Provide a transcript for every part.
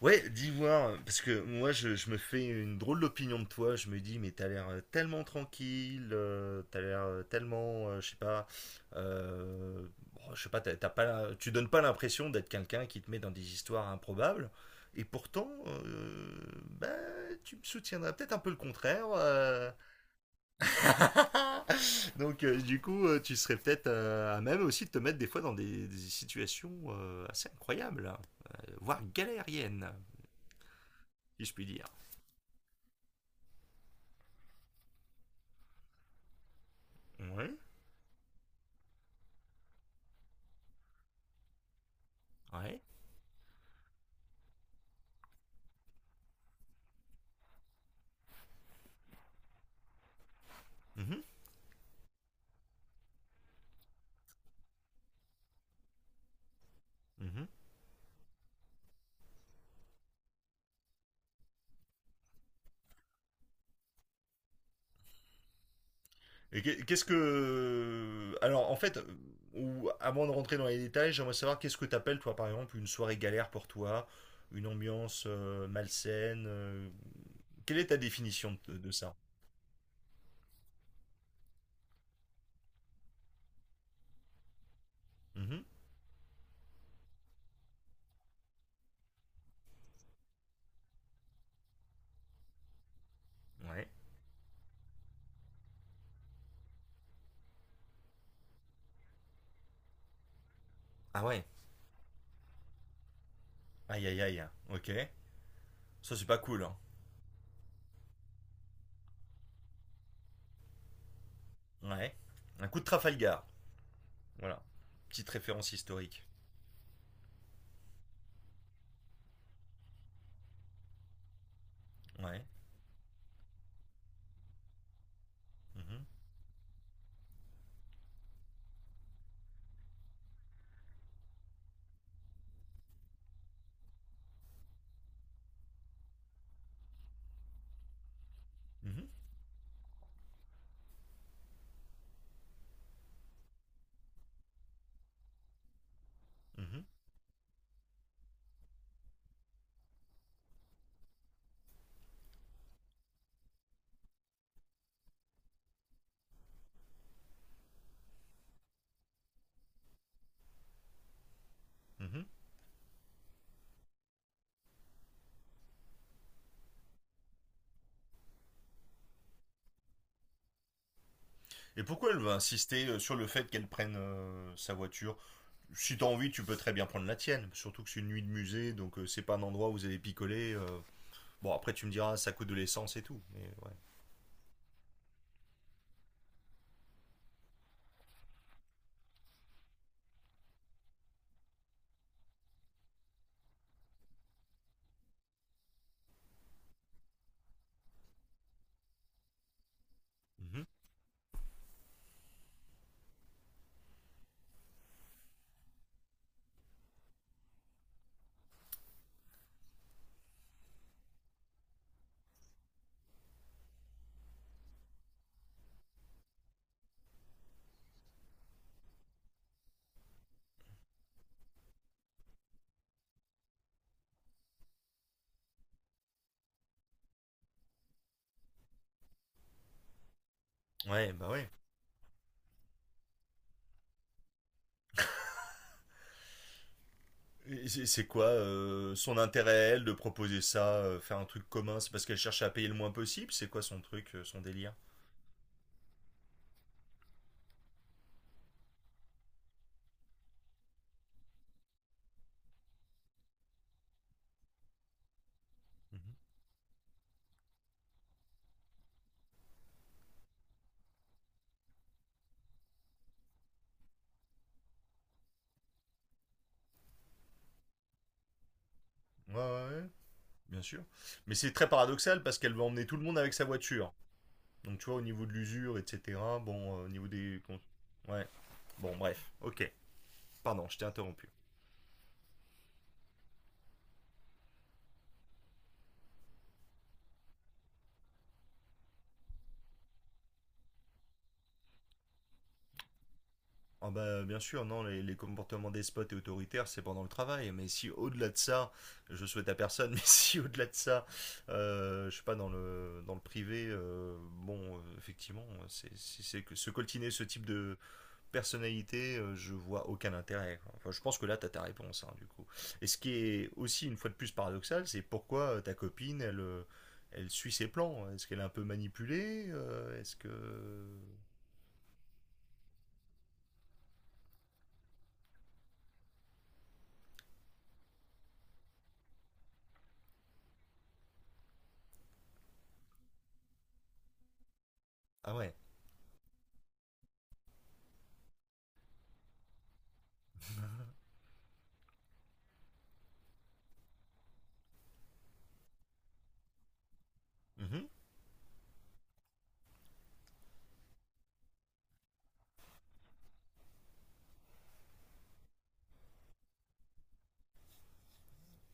Ouais, d'ivoire, parce que moi je me fais une drôle d'opinion de toi, je me dis mais t'as l'air tellement tranquille, t'as l'air tellement, je sais pas, euh, bon, je sais pas, t'as pas, tu donnes pas l'impression d'être quelqu'un qui te met dans des histoires improbables, et pourtant, bah, tu me soutiendrais peut-être un peu le contraire, Donc du coup tu serais peut-être à même aussi de te mettre des fois dans des situations assez incroyables, hein, voire galériennes, si je puis dire. Ouais. Ouais. Mhm, mhm. Et qu'est-ce que... Alors, en fait, ou, avant de rentrer dans les détails, j'aimerais savoir qu'est-ce que t'appelles, toi, par exemple, une soirée galère pour toi, une ambiance malsaine. Quelle est ta définition de ça? Mhm. Ouais. Ah ouais. Aïe, aïe, aïe. Ok. Ça, c'est pas cool, hein. Ouais. Un coup de Trafalgar. Voilà. Petite référence historique. Ouais. Mhm. Mhm. Mhm. Mhm. Et pourquoi elle veut insister sur le fait qu'elle prenne sa voiture? Si t'as envie, tu peux très bien prendre la tienne. Surtout que c'est une nuit de musée, donc c'est pas un endroit où vous allez picoler. Bon, après, tu me diras, ça coûte de l'essence et tout. Mais ouais. Mhm. Ouais, bah ouais. Et c'est quoi son intérêt, elle, de proposer ça, faire un truc commun? C'est parce qu'elle cherche à payer le moins possible? C'est quoi son truc, son délire? Mhm. Ouais, ouais, ouais, bien sûr. Mais c'est très paradoxal parce qu'elle va emmener tout le monde avec sa voiture. Donc, tu vois, au niveau de l'usure, etc. Bon, au niveau des. Ouais. Bon, bref. Ok. Pardon, je t'ai interrompu. Ah bah, bien sûr, non, les comportements despotes et autoritaires, c'est pendant le travail. Mais si au-delà de ça, je souhaite à personne, mais si au-delà de ça, je sais pas, dans le privé, bon, effectivement, c'est que se coltiner ce type de personnalité, je vois aucun intérêt. Quoi. Enfin, je pense que là, t'as ta réponse, hein, du coup. Et ce qui est aussi, une fois de plus, paradoxal, c'est pourquoi ta copine, elle, elle suit ses plans. Est-ce qu'elle est un peu manipulée? Est-ce que... Ah ouais. Mhm.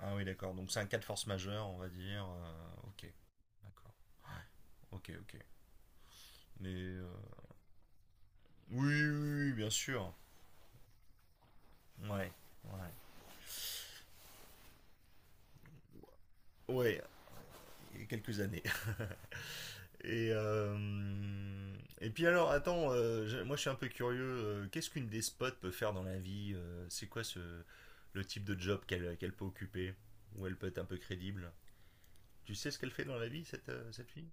Ah oui, d'accord. Donc c'est un cas de force majeure, on va dire. Ok, d'accord. Ok, ok. Mais oui, oui, oui, oui, bien sûr. Ouais, ouais. Ouais, il y a quelques années. Et, euh, et puis alors, attends, moi je suis un peu curieux. Qu'est-ce qu'une despote peut faire dans la vie? C'est quoi ce, le type de job qu'elle peut occuper? Où elle peut être un peu crédible? Tu sais ce qu'elle fait dans la vie, cette, cette fille?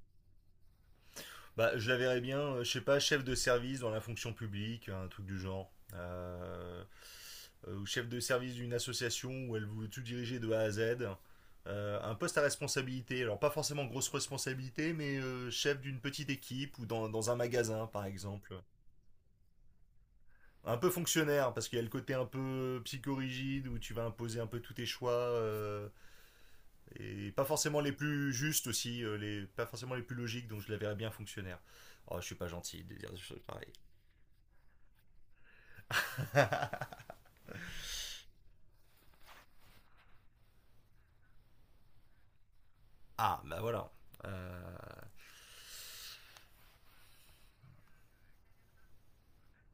Bah, je la verrais bien, je sais pas, chef de service dans la fonction publique, un truc du genre. Ou chef de service d'une association où elle veut tout diriger de A à Z. Un poste à responsabilité, alors pas forcément grosse responsabilité, mais chef d'une petite équipe ou dans, dans un magasin par exemple. Un peu fonctionnaire, parce qu'il y a le côté un peu psychorigide où tu vas imposer un peu tous tes choix, et pas forcément les plus justes aussi, les, pas forcément les plus logiques, donc je la verrais bien fonctionnaire. Oh, je suis pas gentil de dire des choses pareilles. Ah, bah voilà. Euh,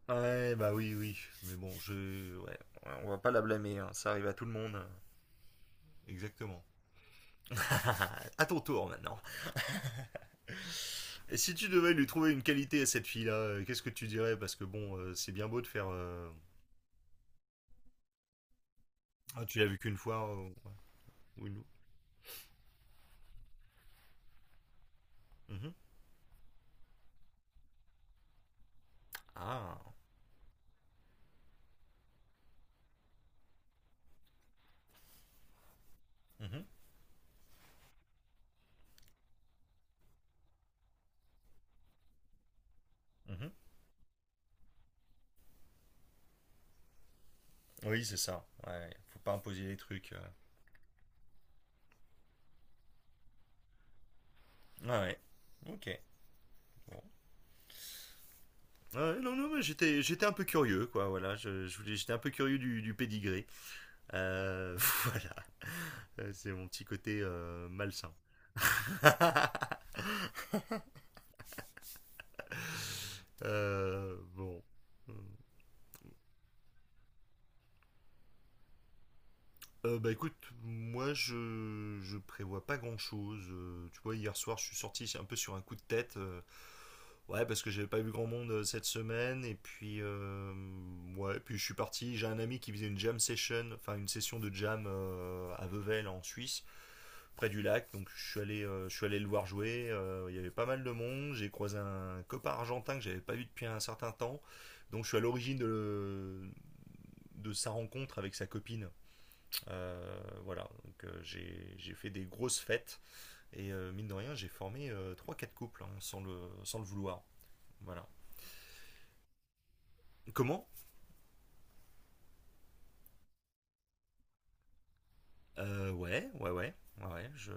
Ouais, bah oui, oui. Mais bon, je. Ouais, on va pas la blâmer, hein. Ça arrive à tout le monde. Exactement. À ton tour maintenant. Et si tu devais lui trouver une qualité à cette fille-là, qu'est-ce que tu dirais? Parce que bon, c'est bien beau de faire. Ah, tu l'as vu qu'une fois ouais, ou une. Mhm. Ah. Mhm, mhm. Oui, c'est ça. Ouais, ouais. Faut pas imposer les trucs. Ouais, ouais. Ok. Bon. Ouais, non, non, mais j'étais, j'étais un peu curieux, quoi. Voilà, je voulais, j'étais un peu curieux du pédigré. Euh, voilà. C'est mon petit côté malsain. Bon. Bah écoute, moi je prévois pas grand chose. Tu vois, hier soir je suis sorti un peu sur un coup de tête. Ouais, parce que j'avais pas vu grand monde cette semaine. Et puis, ouais, et puis je suis parti. J'ai un ami qui faisait une jam session, enfin une session de jam à Vevel en Suisse. Près du lac. Donc je suis allé le voir jouer. Il y avait pas mal de monde. J'ai croisé un copain argentin que j'avais pas vu depuis un certain temps. Donc je suis à l'origine de sa rencontre avec sa copine. Voilà. Donc j'ai fait des grosses fêtes et mine de rien j'ai formé trois quatre couples hein, sans le vouloir. Voilà. Comment? Ouais, ouais, ouais. Ouais, ouais, je...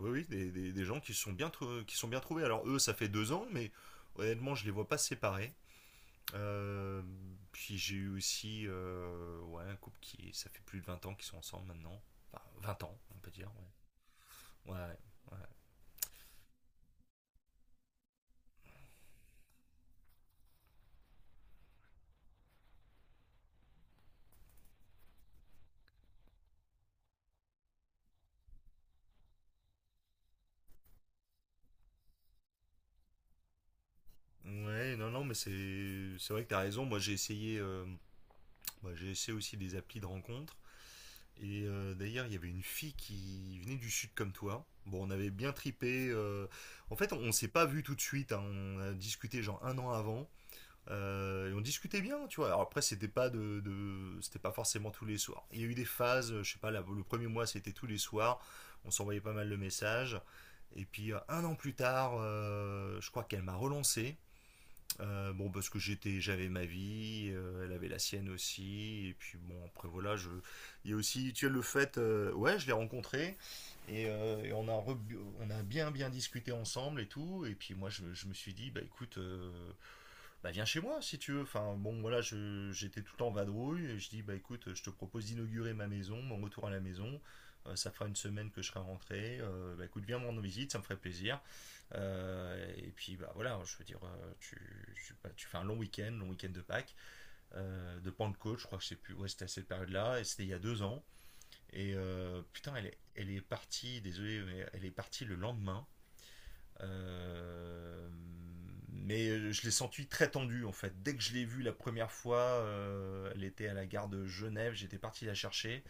oui, oui, des, des gens qui se sont bien, qui se sont bien trouvés. Alors eux, ça fait deux ans, mais honnêtement, je les vois pas séparés. Euh, puis j'ai eu aussi ouais, un couple qui, ça fait plus de 20 ans qu'ils sont ensemble maintenant. Enfin, 20 ans, on peut dire. Ouais, ouais. ouais. Ouais, non, non, mais c'est vrai que t'as raison. Moi, j'ai essayé, bah, j'ai essayé aussi des applis de rencontres. Et d'ailleurs, il y avait une fille qui venait du sud comme toi. Bon, on avait bien tripé. En fait, on s'est pas vu tout de suite. Hein. On a discuté genre un an avant. Et on discutait bien, tu vois. Alors après, c'était pas de, c'était pas forcément tous les soirs. Il y a eu des phases, je sais pas, le premier mois c'était tous les soirs, on s'envoyait pas mal de messages. Et puis un an plus tard, je crois qu'elle m'a relancé bon, parce que j'étais, j'avais ma vie, elle avait la sienne aussi, et puis bon, après voilà, je, il y a aussi, tu as le fait, ouais, je l'ai rencontré, et on, a on a bien bien discuté ensemble et tout, et puis moi je me suis dit, bah écoute, bah viens chez moi si tu veux, enfin bon, voilà, j'étais tout le temps en vadrouille, et je dis, bah écoute, je te propose d'inaugurer ma maison, mon retour à la maison, ça fera une semaine que je serai rentré, bah écoute, viens me rendre visite, ça me ferait plaisir. Et puis bah voilà, je veux dire, tu, tu, bah, tu fais un long week-end de Pâques, de Pentecôte, je crois que je sais plus, ouais, c'était à cette période-là, et c'était il y a deux ans. Et putain, elle est partie, désolé, mais elle est partie le lendemain. Euh, mais je l'ai sentie très tendue en fait. Dès que je l'ai vue la première fois, elle était à la gare de Genève, j'étais parti la chercher.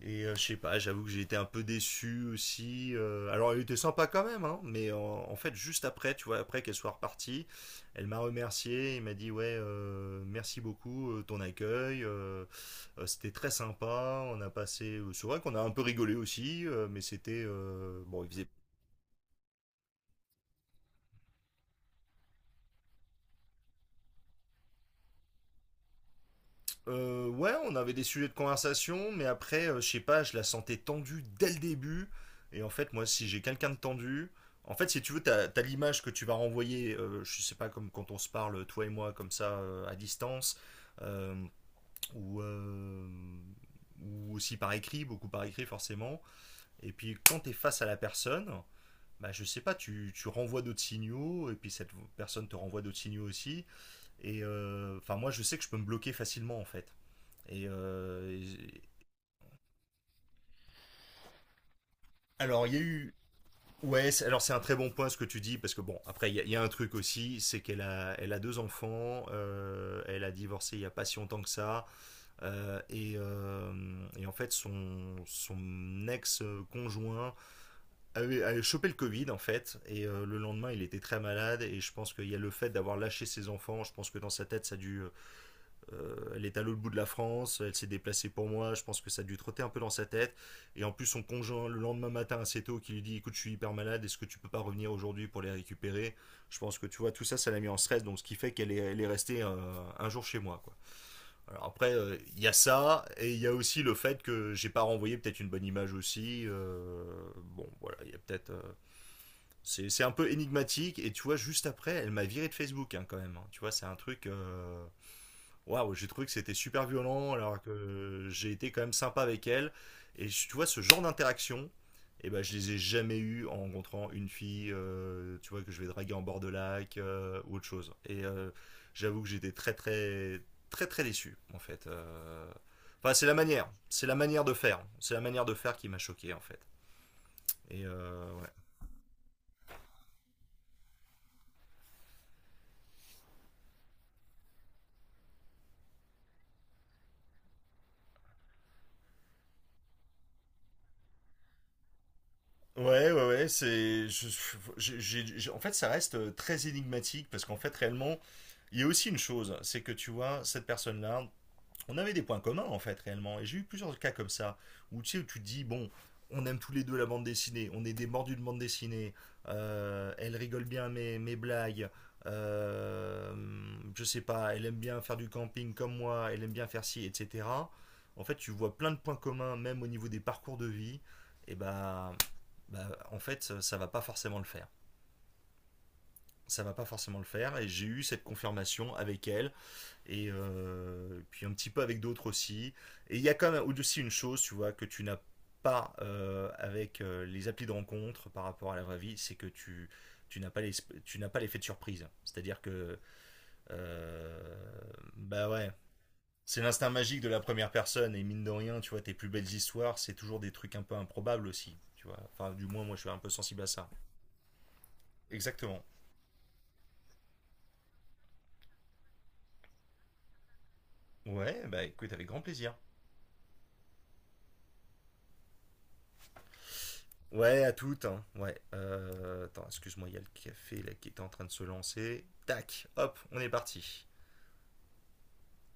Et je sais pas, j'avoue que j'ai été un peu déçu aussi. Alors elle était sympa quand même, hein, mais en, en fait juste après, tu vois, après qu'elle soit repartie, elle m'a remercié et m'a dit ouais, merci beaucoup ton accueil, c'était très sympa. On a passé, c'est vrai qu'on a un peu rigolé aussi, mais c'était bon, il faisait ouais, on avait des sujets de conversation, mais après, je sais pas, je la sentais tendue dès le début. Et en fait, moi, si j'ai quelqu'un de tendu, en fait, si tu veux, t'as, t'as l'image que tu vas renvoyer, je sais pas, comme quand on se parle, toi et moi, comme ça, à distance, euh, ou, euh, ou aussi par écrit, beaucoup par écrit, forcément. Et puis, quand t'es face à la personne, bah, je sais pas, tu renvoies d'autres signaux, et puis cette personne te renvoie d'autres signaux aussi. Et enfin, moi, je sais que je peux me bloquer facilement, en fait. Et- alors, il y a eu. Ouais, c'est- alors c'est un très bon point ce que tu dis, parce que bon, après, y a un truc aussi, c'est qu'elle a deux enfants, elle a divorcé il y a pas si longtemps que ça, et en fait, son ex-conjoint avait chopé le Covid, en fait, et le lendemain, il était très malade, et je pense qu'il y a le fait d'avoir lâché ses enfants, je pense que dans sa tête, ça a dû… elle est à l'autre bout de la France, elle s'est déplacée pour moi, je pense que ça a dû trotter un peu dans sa tête. Et en plus, son conjoint, le lendemain matin assez tôt, qui lui dit: écoute, je suis hyper malade, est-ce que tu peux pas revenir aujourd'hui pour les récupérer? Je pense que tu vois, tout ça, ça l'a mis en stress, donc ce qui fait qu'elle est restée un jour chez moi. Quoi. Alors après, il y a ça, et il y a aussi le fait que j'ai pas renvoyé peut-être une bonne image aussi. Bon, voilà, il y a peut-être… c'est un peu énigmatique, et tu vois, juste après, elle m'a viré de Facebook hein, quand même. Hein. Tu vois, c'est un truc. Waouh, j'ai trouvé que c'était super violent alors que j'ai été quand même sympa avec elle. Tu vois, ce genre d'interaction, eh ben, je les ai jamais eues en rencontrant une fille, tu vois, que je vais draguer en bord de lac ou autre chose. J'avoue que j'étais très, très, très, très déçu, en fait. Enfin, c'est la manière de faire qui m'a choqué, en fait. Ouais. Ouais, ouais, ouais, c'est. Je- j'ai- en fait, ça reste très énigmatique parce qu'en fait, réellement, il y a aussi une chose, c'est que tu vois, cette personne-là, on avait des points communs en fait réellement. Et j'ai eu plusieurs cas comme ça où tu sais où tu te dis bon, on aime tous les deux la bande dessinée, on est des mordus de bande dessinée, elle rigole bien mes blagues, euh, je sais pas, elle aime bien faire du camping comme moi, elle aime bien faire ci, etc. En fait, tu vois plein de points communs même au niveau des parcours de vie. Et bah, bah en fait, ça va pas forcément le faire. Ça va pas forcément le faire. Et j'ai eu cette confirmation avec elle puis un petit peu avec d'autres aussi. Et il y a quand même aussi une chose, tu vois, que tu n'as pas avec les applis de rencontre par rapport à la vraie vie, c'est que tu n'as pas les. Tu n'as pas l'effet de surprise. C'est-à-dire que euh, bah ouais, c'est l'instinct magique de la première personne et mine de rien, tu vois, tes plus belles histoires, c'est toujours des trucs un peu improbables aussi, tu vois. Enfin, du moins moi je suis un peu sensible à ça. Exactement. Ouais, bah écoute, avec grand plaisir. Ouais, à toutes. Hein, ouais. Attends, excuse-moi, il y a le café là, qui était en train de se lancer. Tac, hop, on est parti.